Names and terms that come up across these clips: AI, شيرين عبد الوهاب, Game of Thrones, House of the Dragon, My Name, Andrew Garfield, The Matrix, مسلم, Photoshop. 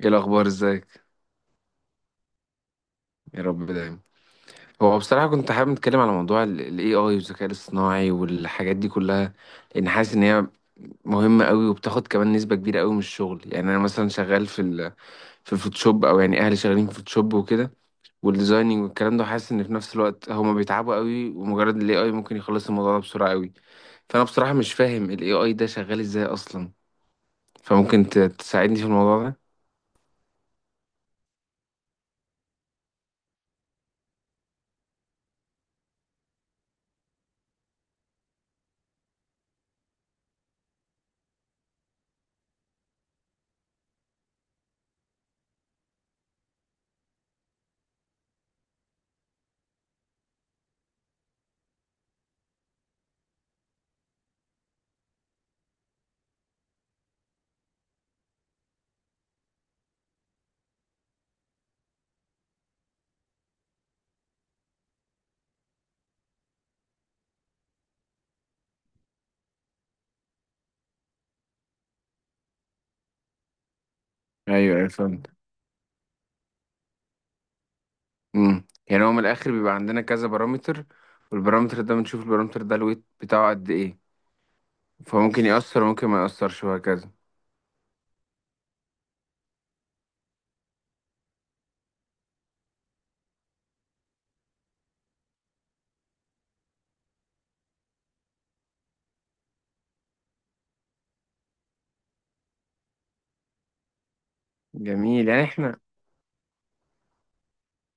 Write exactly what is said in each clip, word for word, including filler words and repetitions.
ايه الاخبار ازيك؟ يا رب دايما. هو بصراحه كنت حابب نتكلم على موضوع الاي اي والذكاء الاصطناعي والحاجات دي كلها، لان حاسس ان هي مهمه قوي وبتاخد كمان نسبه كبيره قوي من الشغل. يعني انا مثلا شغال في ال في الفوتوشوب، او يعني اهلي شغالين في الفوتوشوب وكده والديزايننج والكلام ده. حاسس ان في نفس الوقت هما بيتعبوا قوي ومجرد الاي اي ممكن يخلص الموضوع ده بسرعه قوي. فانا بصراحه مش فاهم الاي اي ده شغال ازاي اصلا، فممكن ت- تساعدني في الموضوع ده. ايوه، ايوه، فاهم. امم يعني هو من الاخر بيبقى عندنا كذا بارامتر، والبارامتر ده بنشوف البارامتر ده الويت بتاعه قد ايه، فممكن يأثر وممكن ما يأثرش وهكذا. جميل. يعني احنا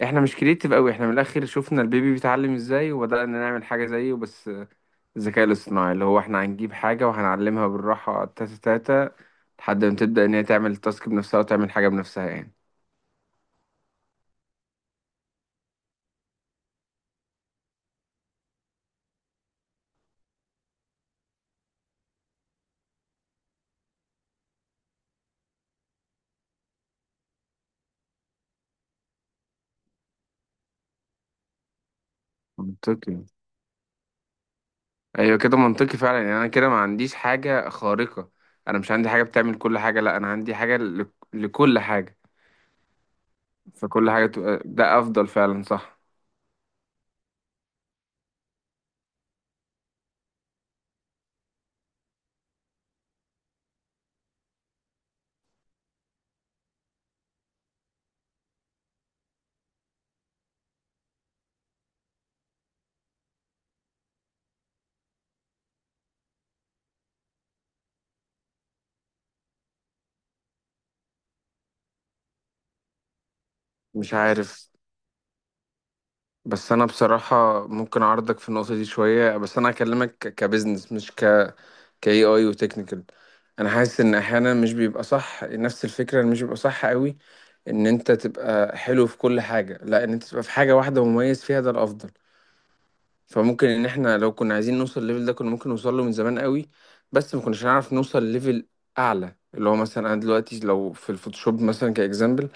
احنا مش كريتيف قوي، احنا من الاخر شفنا البيبي بيتعلم ازاي وبدأنا نعمل حاجة زيه. بس الذكاء الاصطناعي اللي هو احنا هنجيب حاجة وهنعلمها بالراحة تاتا تاتا لحد ما تبدأ ان هي تعمل التاسك بنفسها وتعمل حاجة بنفسها يعني. منطقي. ايوه، كده منطقي فعلا. يعني انا كده ما عنديش حاجة خارقة، انا مش عندي حاجة بتعمل كل حاجة، لا، انا عندي حاجة لك- لكل حاجة، فكل حاجة تبقى ده أفضل فعلا، صح؟ مش عارف. بس أنا بصراحة ممكن أعرضك في النقطة دي شوية، بس أنا هكلمك ك- كبزنس مش ك ك إيه آي وتكنيكال. أنا حاسس إن أحيانا مش بيبقى صح نفس الفكرة، إن مش بيبقى صح قوي إن أنت تبقى حلو في كل حاجة، لا، إن أنت تبقى في حاجة واحدة مميز فيها، ده الأفضل. فممكن ان احنا لو كنا عايزين نوصل الليفل ده كنا ممكن نوصل له من زمان قوي، بس ما كناش هنعرف نوصل ليفل اعلى. اللي هو مثلا انا دلوقتي لو في الفوتوشوب مثلا كاكزامبل،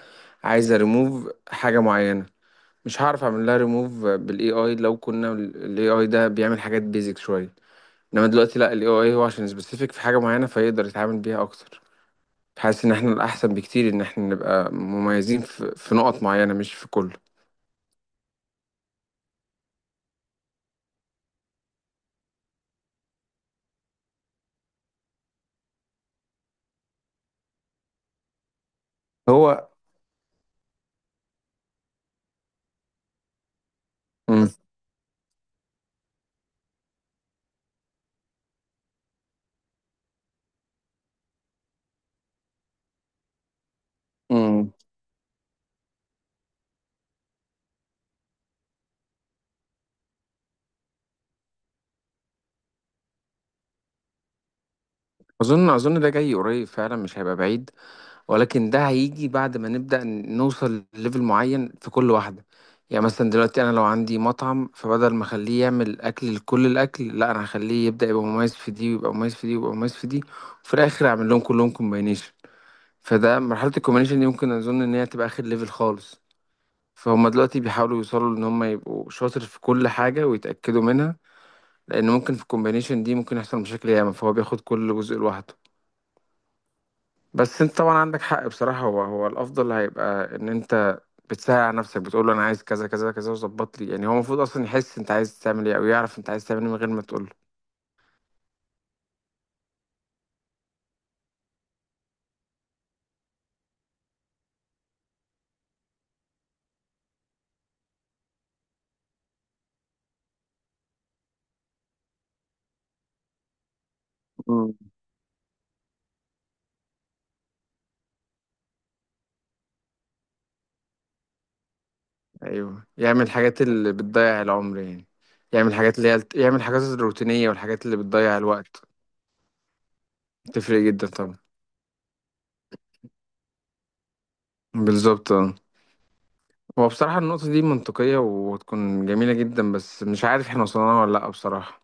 عايز ريموف حاجه معينه، مش هعرف اعمل لها ريموف بالاي اي لو كنا الاي اي ده بيعمل حاجات بيزك شويه. انما دلوقتي لا، الاي اي هو عشان سبيسيفيك في حاجه معينه فيقدر يتعامل بيها اكتر. حاسس ان احنا الاحسن بكتير ان احنا نبقى مميزين في في نقط معينه مش في كله. هو امم اظن اظن ده جاي قريب فعلا، مش هيبقى بعيد، ولكن ده هيجي بعد ما نبدأ نوصل لليفل معين في كل واحدة. يعني مثلا دلوقتي أنا لو عندي مطعم، فبدل ما أخليه يعمل أكل لكل الأكل، لا، أنا هخليه يبدأ يبقى مميز في دي ويبقى مميز في دي ويبقى مميز في دي، وفي الآخر أعمل لهم كلهم كومباينيشن. فده مرحلة الكومباينيشن دي ممكن أظن إن هي تبقى آخر ليفل خالص. فهم دلوقتي بيحاولوا يوصلوا إن هم يبقوا شاطر في كل حاجة ويتأكدوا منها، لأن ممكن في الكومباينيشن دي ممكن يحصل مشاكل ياما، فهو بياخد كل جزء لوحده. بس انت طبعا عندك حق بصراحة، هو هو الافضل هيبقى ان انت بتساعد على نفسك، بتقول له انا عايز كذا كذا كذا وظبط لي. يعني هو المفروض اصلا يحس انت عايز تعمل ايه، او يعرف انت عايز تعمل ايه من غير ما تقول له. مم. ايوه، يعمل الحاجات اللي بتضيع العمر يعني. يعمل الحاجات اللي هي يعمل الحاجات الروتينية والحاجات اللي بتضيع الوقت. تفرق جدا طبعا. بالظبط، اه. هو بصراحة النقطة دي منطقية وتكون جميلة جدا، بس مش عارف احنا وصلنا لها ولا لأ بصراحة.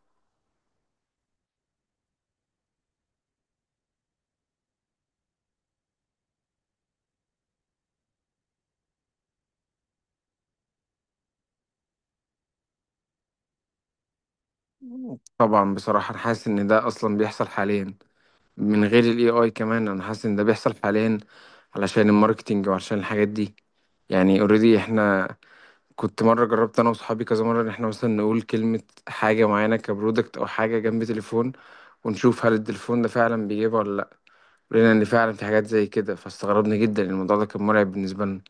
طبعا بصراحة أنا حاسس إن ده أصلا بيحصل حاليا من غير الاي اي كمان. انا حاسس ان ده بيحصل حاليا علشان الماركتينج وعلشان الحاجات دي. يعني اوريدي احنا كنت مره جربت انا وصحابي كذا مره ان احنا مثلا نقول كلمه، حاجه معينه كبرودكت او حاجه، جنب تليفون، ونشوف هل التليفون ده فعلا بيجيبها ولا لا. لقينا ان فعلا في حاجات زي كده، فاستغربنا جدا. الموضوع ده كان مرعب بالنسبه لنا.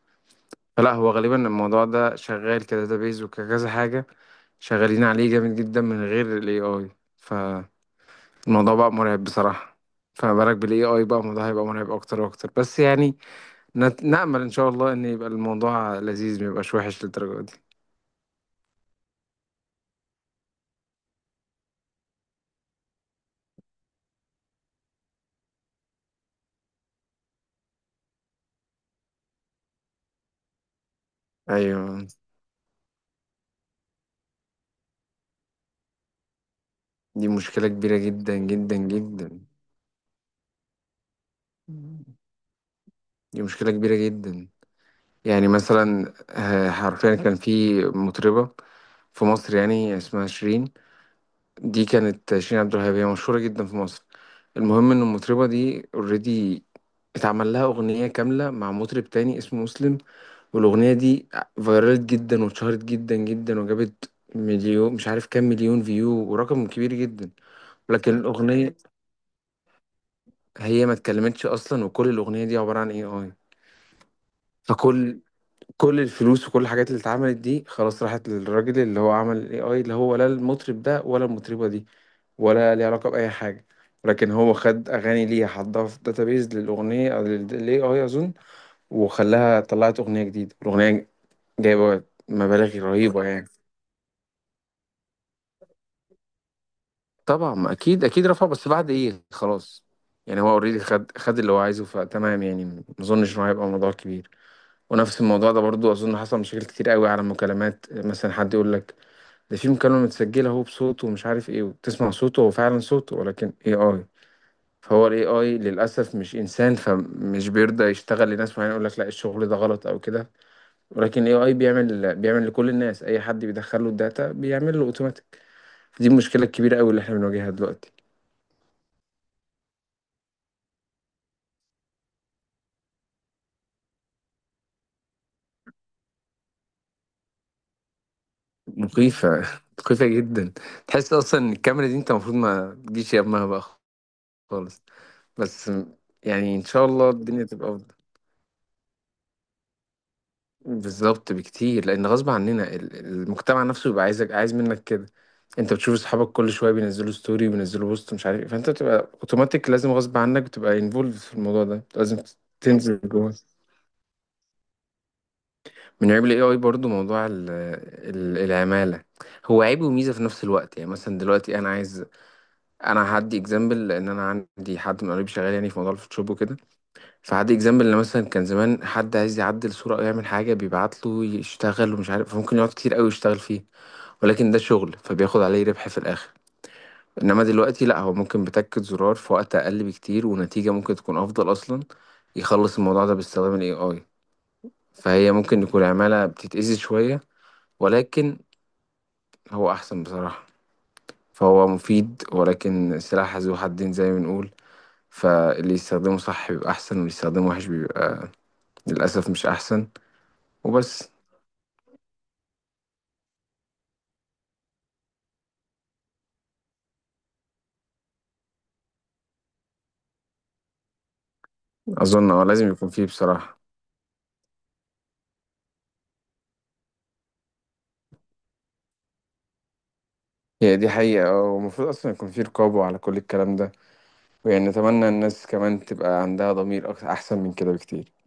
فلا، هو غالبا الموضوع ده شغال كداتابيز وكذا حاجه، شغالين عليه جامد جدا من غير الاي اي. الموضوع بقى مرعب بصراحة، فما بالك بالاي اي بقى، الموضوع هيبقى مرعب اكتر واكتر. بس يعني نت- نأمل ان شاء الله ان يبقى الموضوع لذيذ، ما يبقاش وحش للدرجة دي. ايوه. دي مشكلة كبيرة جدا جدا جدا. دي مشكلة كبيرة جدا. يعني مثلا آه، حرفيا كان في مطربة في مصر يعني اسمها شيرين. دي كانت شيرين عبد الوهاب، هي مشهورة جدا في مصر. المهم ان المطربة دي اوريدي اتعمل لها اغنية كاملة مع مطرب تاني اسمه مسلم، والأغنية دي فيرالت جدا واتشهرت جدا جدا، وجابت مليون، مش عارف كام مليون فيو، ورقم كبير جدا. لكن الأغنية هي ما اتكلمتش أصلا، وكل الأغنية دي عبارة عن ايه اي. فكل كل الفلوس وكل الحاجات اللي اتعملت دي خلاص راحت للراجل اللي هو عمل ال ايه اي، اللي هو لا المطرب ده ولا المطربة دي ولا ليه علاقة بأي حاجة. لكن هو خد أغاني ليها حطها في داتابيز للأغنية أو لل لل إيه آي أظن، وخلاها طلعت أغنية جديدة. الأغنية جايبة مبالغ رهيبة يعني. طبعا، ما اكيد اكيد رفع، بس بعد ايه، خلاص. يعني هو اوريدي خد خد اللي هو عايزه فتمام. يعني ما اظنش انه هيبقى موضوع كبير. ونفس الموضوع ده برضو اظن حصل مشاكل كتير قوي على المكالمات، مثلا حد يقول لك ده في مكالمة متسجلة هو بصوته ومش عارف ايه، وتسمع صوته، هو فعلا صوته، ولكن اي اي. فهو الاي اي للاسف مش انسان، فمش بيرضى يشتغل لناس معينه يقول لك لا الشغل ده غلط او كده، ولكن الاي اي بيعمل بيعمل لكل الناس، اي حد بيدخل له الداتا بيعمل له اوتوماتيك. دي المشكله الكبيره قوي اللي احنا بنواجهها دلوقتي. مخيفة. مخيفة جدا. تحس أصلا إن الكاميرا دي أنت المفروض ما تجيش يمها بقى، خالص. بس يعني إن شاء الله الدنيا تبقى أفضل. بالظبط بكتير، لأن غصب عننا ال- المجتمع نفسه بيبقى عايزك عايز منك كده. أنت بتشوف أصحابك كل شوية بينزلوا ستوري وبينزلوا بوست مش عارف إيه، فأنت بتبقى أوتوماتيك لازم، غصب عنك بتبقى انفولد في الموضوع ده لازم تنزل جوه. من عيب ال ايه اي برضو موضوع ال- ال- العمالة. هو عيب وميزة في نفس الوقت. يعني مثلا دلوقتي أنا عايز انا هدي اكزامبل، لان انا عندي حد من قريب شغال يعني في موضوع الفوتوشوب وكده. فهدي اكزامبل ان مثلا كان زمان حد عايز يعدل صوره او يعمل حاجه، بيبعت له يشتغل ومش عارف، فممكن يقعد كتير قوي يشتغل فيه، ولكن ده شغل فبياخد عليه ربح في الاخر. انما دلوقتي لا، هو ممكن بتكة زرار في وقت اقل بكتير ونتيجه ممكن تكون افضل اصلا، يخلص الموضوع ده باستخدام الاي اي. فهي ممكن يكون عماله بتتأذي شويه، ولكن هو احسن بصراحه. فهو مفيد، ولكن سلاح ذو حدين زي ما بنقول. فاللي يستخدمه صح بيبقى أحسن، واللي يستخدمه وحش بيبقى للأسف مش أحسن. وبس. أظن اه لازم يكون فيه بصراحة. هي دي حقيقة، اه ومفروض أصلا يكون فيه رقابة على كل الكلام ده. ويعني أتمنى الناس كمان تبقى عندها ضمير أك- أحسن من كده بكتير.